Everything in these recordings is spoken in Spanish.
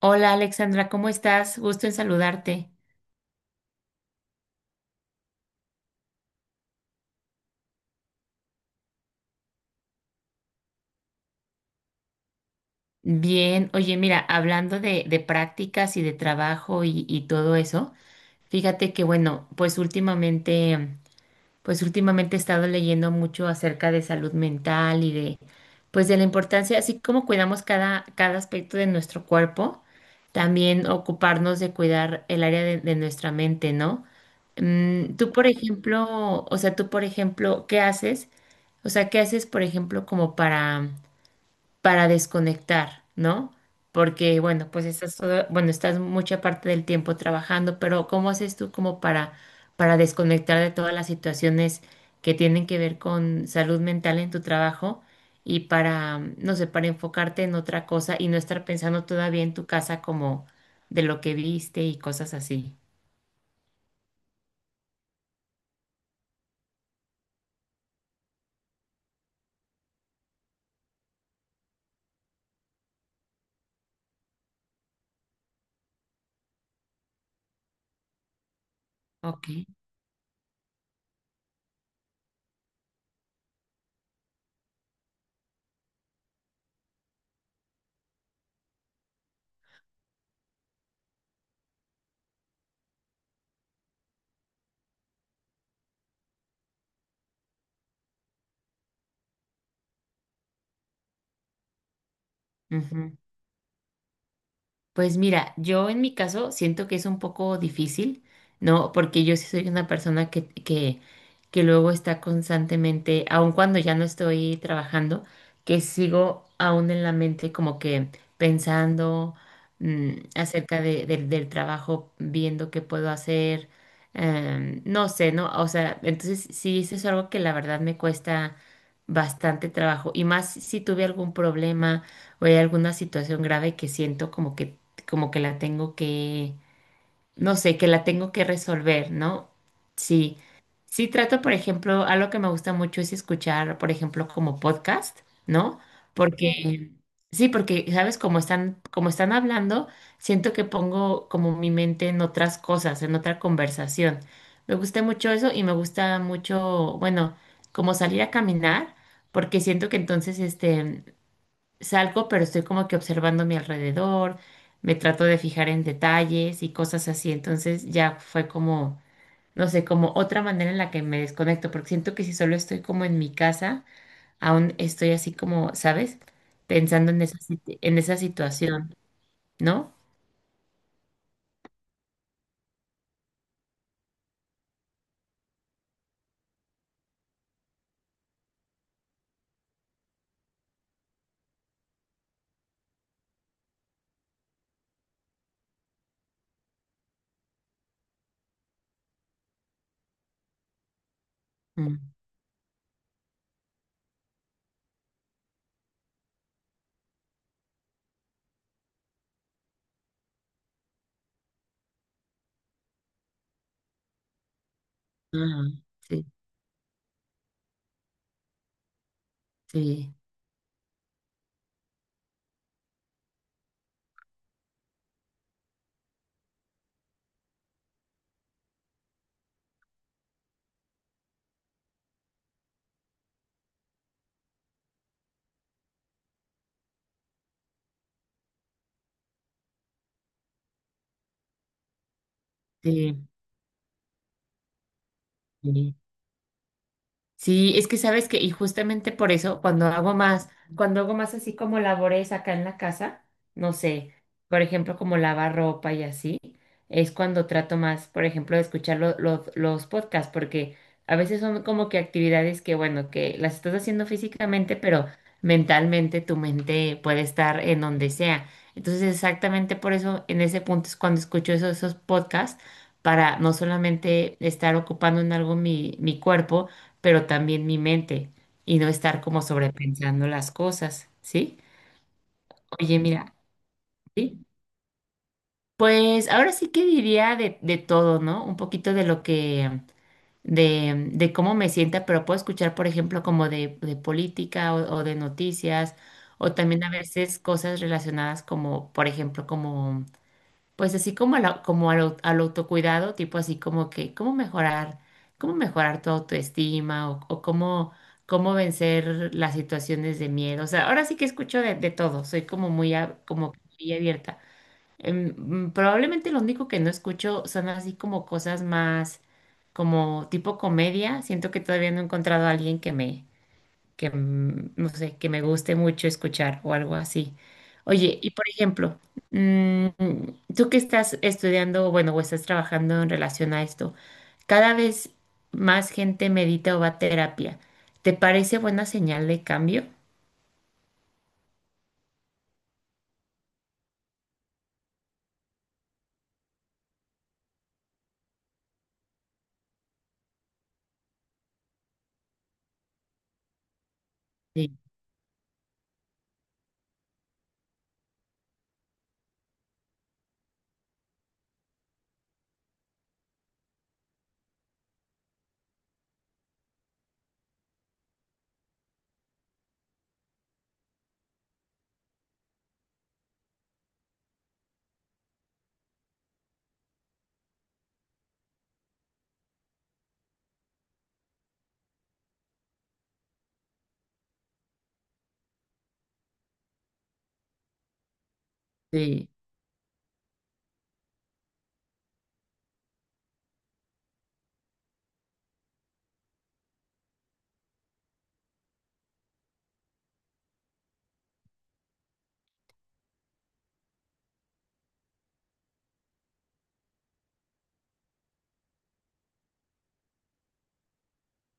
Hola Alexandra, ¿cómo estás? Gusto en saludarte. Bien, oye, mira, hablando de prácticas y de trabajo y todo eso, fíjate que bueno, pues últimamente he estado leyendo mucho acerca de salud mental y de pues de la importancia, así como cuidamos cada aspecto de nuestro cuerpo, también ocuparnos de cuidar el área de nuestra mente, ¿no? Tú, por ejemplo, o sea, tú, por ejemplo, ¿qué haces? O sea, ¿qué haces, por ejemplo, como para desconectar, ¿no? Porque, bueno, pues bueno, estás mucha parte del tiempo trabajando, pero ¿cómo haces tú como para desconectar de todas las situaciones que tienen que ver con salud mental en tu trabajo y para, no sé, para enfocarte en otra cosa y no estar pensando todavía en tu casa como de lo que viste y cosas así? Ok. Pues mira, yo en mi caso siento que es un poco difícil, ¿no? Porque yo sí soy una persona que luego está constantemente, aun cuando ya no estoy trabajando, que sigo aún en la mente como que pensando acerca del del trabajo, viendo qué puedo hacer, no sé, ¿no? O sea, entonces sí, eso es algo que la verdad me cuesta bastante trabajo y más si tuve algún problema o hay alguna situación grave que siento como que la tengo que, no sé, que la tengo que resolver, ¿no? Sí, sí trato, por ejemplo, algo que me gusta mucho es escuchar, por ejemplo, como podcast, ¿no? Sí. Porque, sí, porque, ¿sabes? Como están hablando, siento que pongo como mi mente en otras cosas, en otra conversación. Me gusta mucho eso y me gusta mucho, bueno, como salir a caminar, porque siento que entonces, salgo, pero estoy como que observando mi alrededor, me trato de fijar en detalles y cosas así. Entonces ya fue como, no sé, como otra manera en la que me desconecto, porque siento que si solo estoy como en mi casa, aún estoy así como, ¿sabes? Pensando en en esa situación, ¿no? Mm, ajá, sí, sí, sí, sí. Sí, es que sabes que, y justamente por eso, cuando hago más así como labores acá en la casa, no sé, por ejemplo, como lavar ropa y así, es cuando trato más, por ejemplo, de escuchar los podcasts, porque a veces son como que actividades que, bueno, que las estás haciendo físicamente, pero mentalmente tu mente puede estar en donde sea. Entonces, exactamente por eso, en ese punto es cuando escucho esos podcasts, para no solamente estar ocupando en algo mi cuerpo, pero también mi mente y no estar como sobrepensando las cosas, ¿sí? Oye, mira, ¿sí? Pues ahora sí que diría de todo, ¿no? Un poquito de lo que, de cómo me sienta, pero puedo escuchar, por ejemplo, como de política o de noticias, o también a veces cosas relacionadas como, por ejemplo, como pues así como al autocuidado, tipo así como que cómo mejorar tu autoestima o cómo, cómo vencer las situaciones de miedo. O sea, ahora sí que escucho de todo, soy como muy, como muy abierta. Probablemente lo único que no escucho son así como cosas más como tipo comedia. Siento que todavía no he encontrado a alguien que me, que, mm, no sé, que me guste mucho escuchar o algo así. Oye, y por ejemplo, mm, tú que estás estudiando, bueno, o estás trabajando en relación a esto, cada vez más gente medita o va a terapia. ¿Te parece buena señal de cambio? Sí, sí.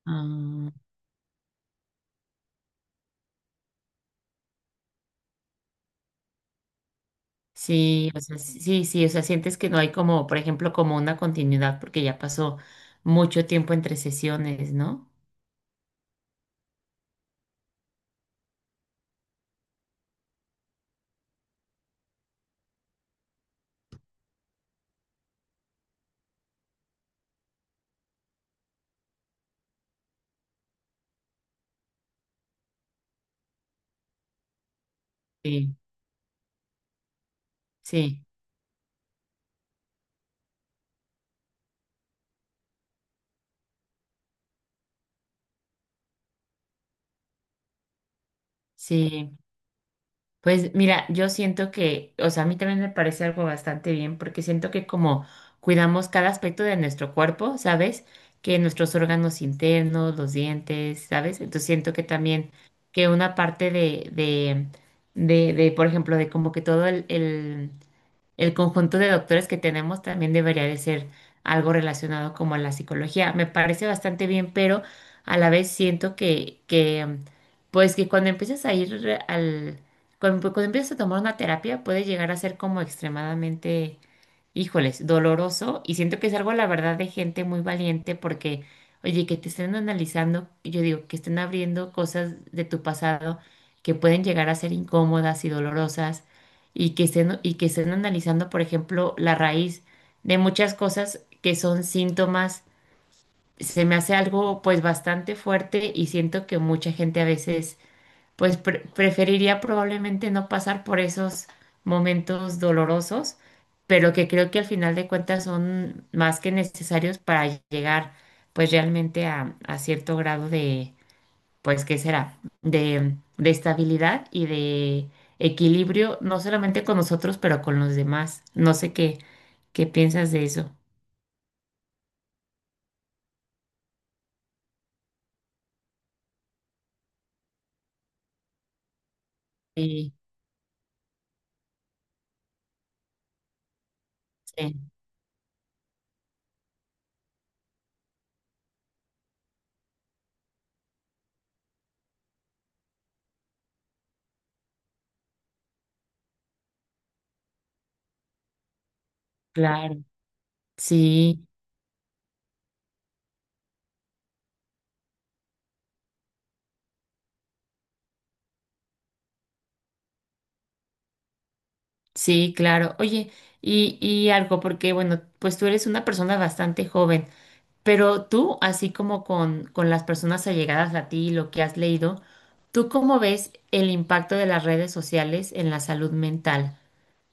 Ah, sí, o sea, sí, sí, o sea, sientes que no hay como, por ejemplo, como una continuidad porque ya pasó mucho tiempo entre sesiones, ¿no? Sí, sí, sí. Pues mira, yo siento que, o sea, a mí también me parece algo bastante bien porque siento que como cuidamos cada aspecto de nuestro cuerpo, ¿sabes? Que nuestros órganos internos, los dientes, ¿sabes? Entonces siento que también que una parte de, por ejemplo, de como que todo el conjunto de doctores que tenemos también debería de ser algo relacionado como a la psicología. Me parece bastante bien, pero a la vez siento que, pues que cuando, cuando empiezas a tomar una terapia, puede llegar a ser como extremadamente híjoles, doloroso y siento que es algo, la verdad, de gente muy valiente porque, oye, que te estén analizando, yo digo, que estén abriendo cosas de tu pasado que pueden llegar a ser incómodas y dolorosas y que estén analizando, por ejemplo, la raíz de muchas cosas que son síntomas, se me hace algo pues bastante fuerte y siento que mucha gente a veces pues preferiría probablemente no pasar por esos momentos dolorosos, pero que creo que al final de cuentas son más que necesarios para llegar pues realmente a cierto grado de, pues, ¿qué será? De estabilidad y de equilibrio, no solamente con nosotros, pero con los demás. No sé qué, qué piensas de eso. Sí, sí, claro. Sí. Sí, claro. Oye, y algo, porque bueno, pues tú eres una persona bastante joven, pero tú, así como con las personas allegadas a ti, y lo que has leído, ¿tú cómo ves el impacto de las redes sociales en la salud mental?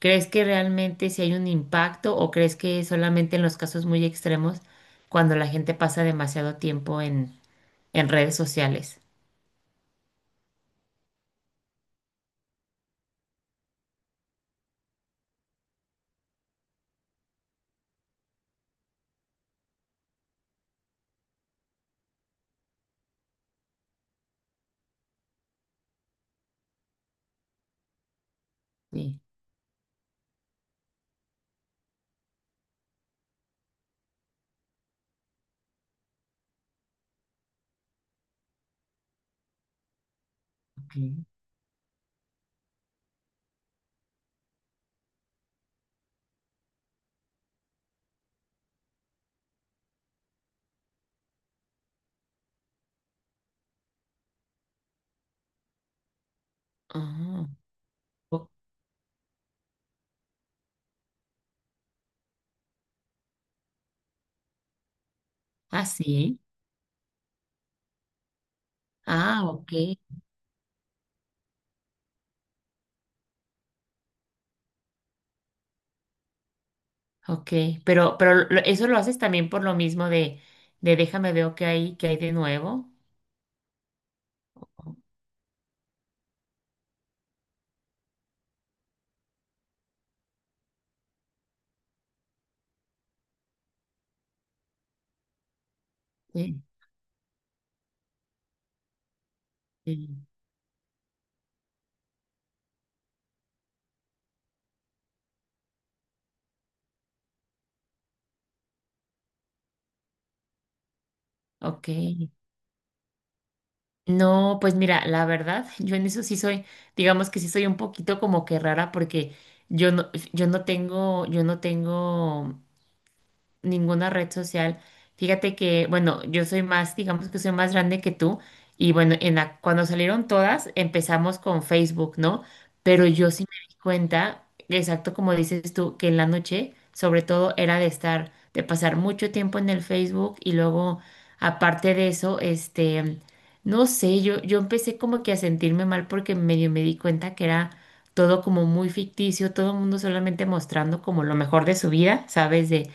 ¿Crees que realmente si hay un impacto o crees que solamente en los casos muy extremos, cuando la gente pasa demasiado tiempo en redes sociales? Sí. Ok. Ah, o- ah, sí. Ah, ok. Ok, pero eso lo haces también por lo mismo de déjame veo qué hay de nuevo. Sí, sí. Ok. No, pues mira, la verdad, yo en eso sí soy, digamos que sí soy un poquito como que rara porque yo no tengo ninguna red social. Fíjate que, bueno, yo soy más, digamos que soy más grande que tú. Y bueno, en la, cuando salieron todas, empezamos con Facebook, ¿no? Pero yo sí me di cuenta, exacto como dices tú, que en la noche, sobre todo, era de estar, de pasar mucho tiempo en el Facebook y luego, aparte de eso, no sé, yo empecé como que a sentirme mal porque medio me di cuenta que era todo como muy ficticio, todo el mundo solamente mostrando como lo mejor de su vida, ¿sabes? De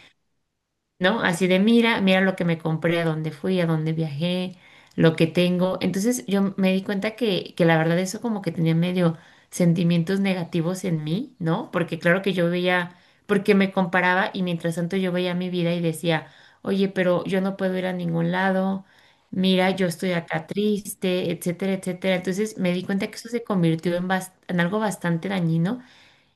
¿no? Así de, mira, mira lo que me compré, a dónde fui, a dónde viajé, lo que tengo. Entonces yo me di cuenta que la verdad eso como que tenía medio sentimientos negativos en mí, ¿no? Porque claro que yo veía, porque me comparaba y mientras tanto yo veía mi vida y decía, oye, pero yo no puedo ir a ningún lado, mira, yo estoy acá triste, etcétera, etcétera. Entonces me di cuenta que eso se convirtió en, en algo bastante dañino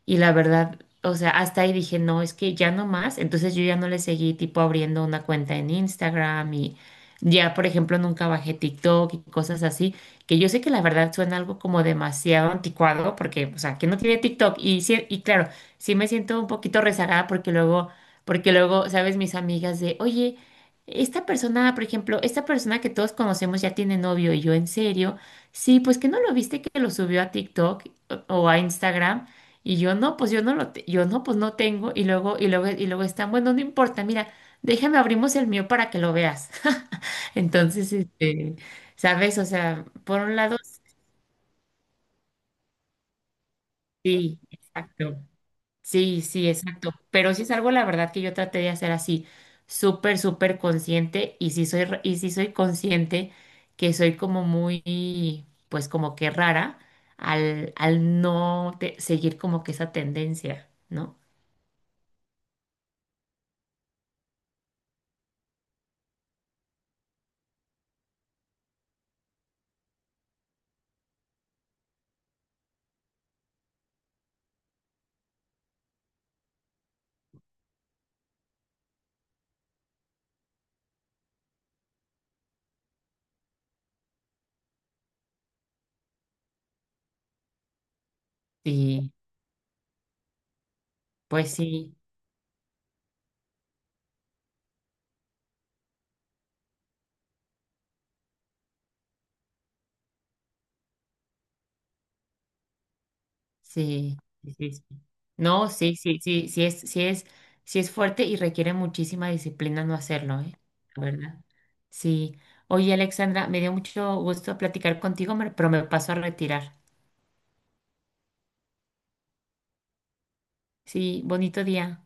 y la verdad, o sea, hasta ahí dije, no, es que ya no más. Entonces yo ya no le seguí tipo abriendo una cuenta en Instagram y ya, por ejemplo, nunca bajé TikTok y cosas así, que yo sé que la verdad suena algo como demasiado anticuado porque, o sea, que no tiene TikTok. Y claro, sí me siento un poquito rezagada porque luego, sabes, mis amigas de, oye, esta persona que todos conocemos ya tiene novio y yo en serio, sí, pues que no lo viste que lo subió a TikTok o a Instagram. Y yo no, pues yo no, pues no tengo. Y luego están, bueno, no importa, mira, déjame abrimos el mío para que lo veas. Entonces, ¿sabes? O sea, por un lado, sí, exacto. Sí, sí, exacto. Pero sí es algo, la verdad, que yo traté de hacer así, súper, súper consciente. Y sí soy, y sí soy consciente que soy como muy, pues como que rara al no te- seguir como que esa tendencia, ¿no? Sí, pues sí. Sí, sí, sí, sí. No, sí, sí, sí, sí es fuerte y requiere muchísima disciplina no hacerlo, ¿eh? La verdad. Sí. Oye, Alexandra, me dio mucho gusto platicar contigo, pero me paso a retirar. Sí, bonito día.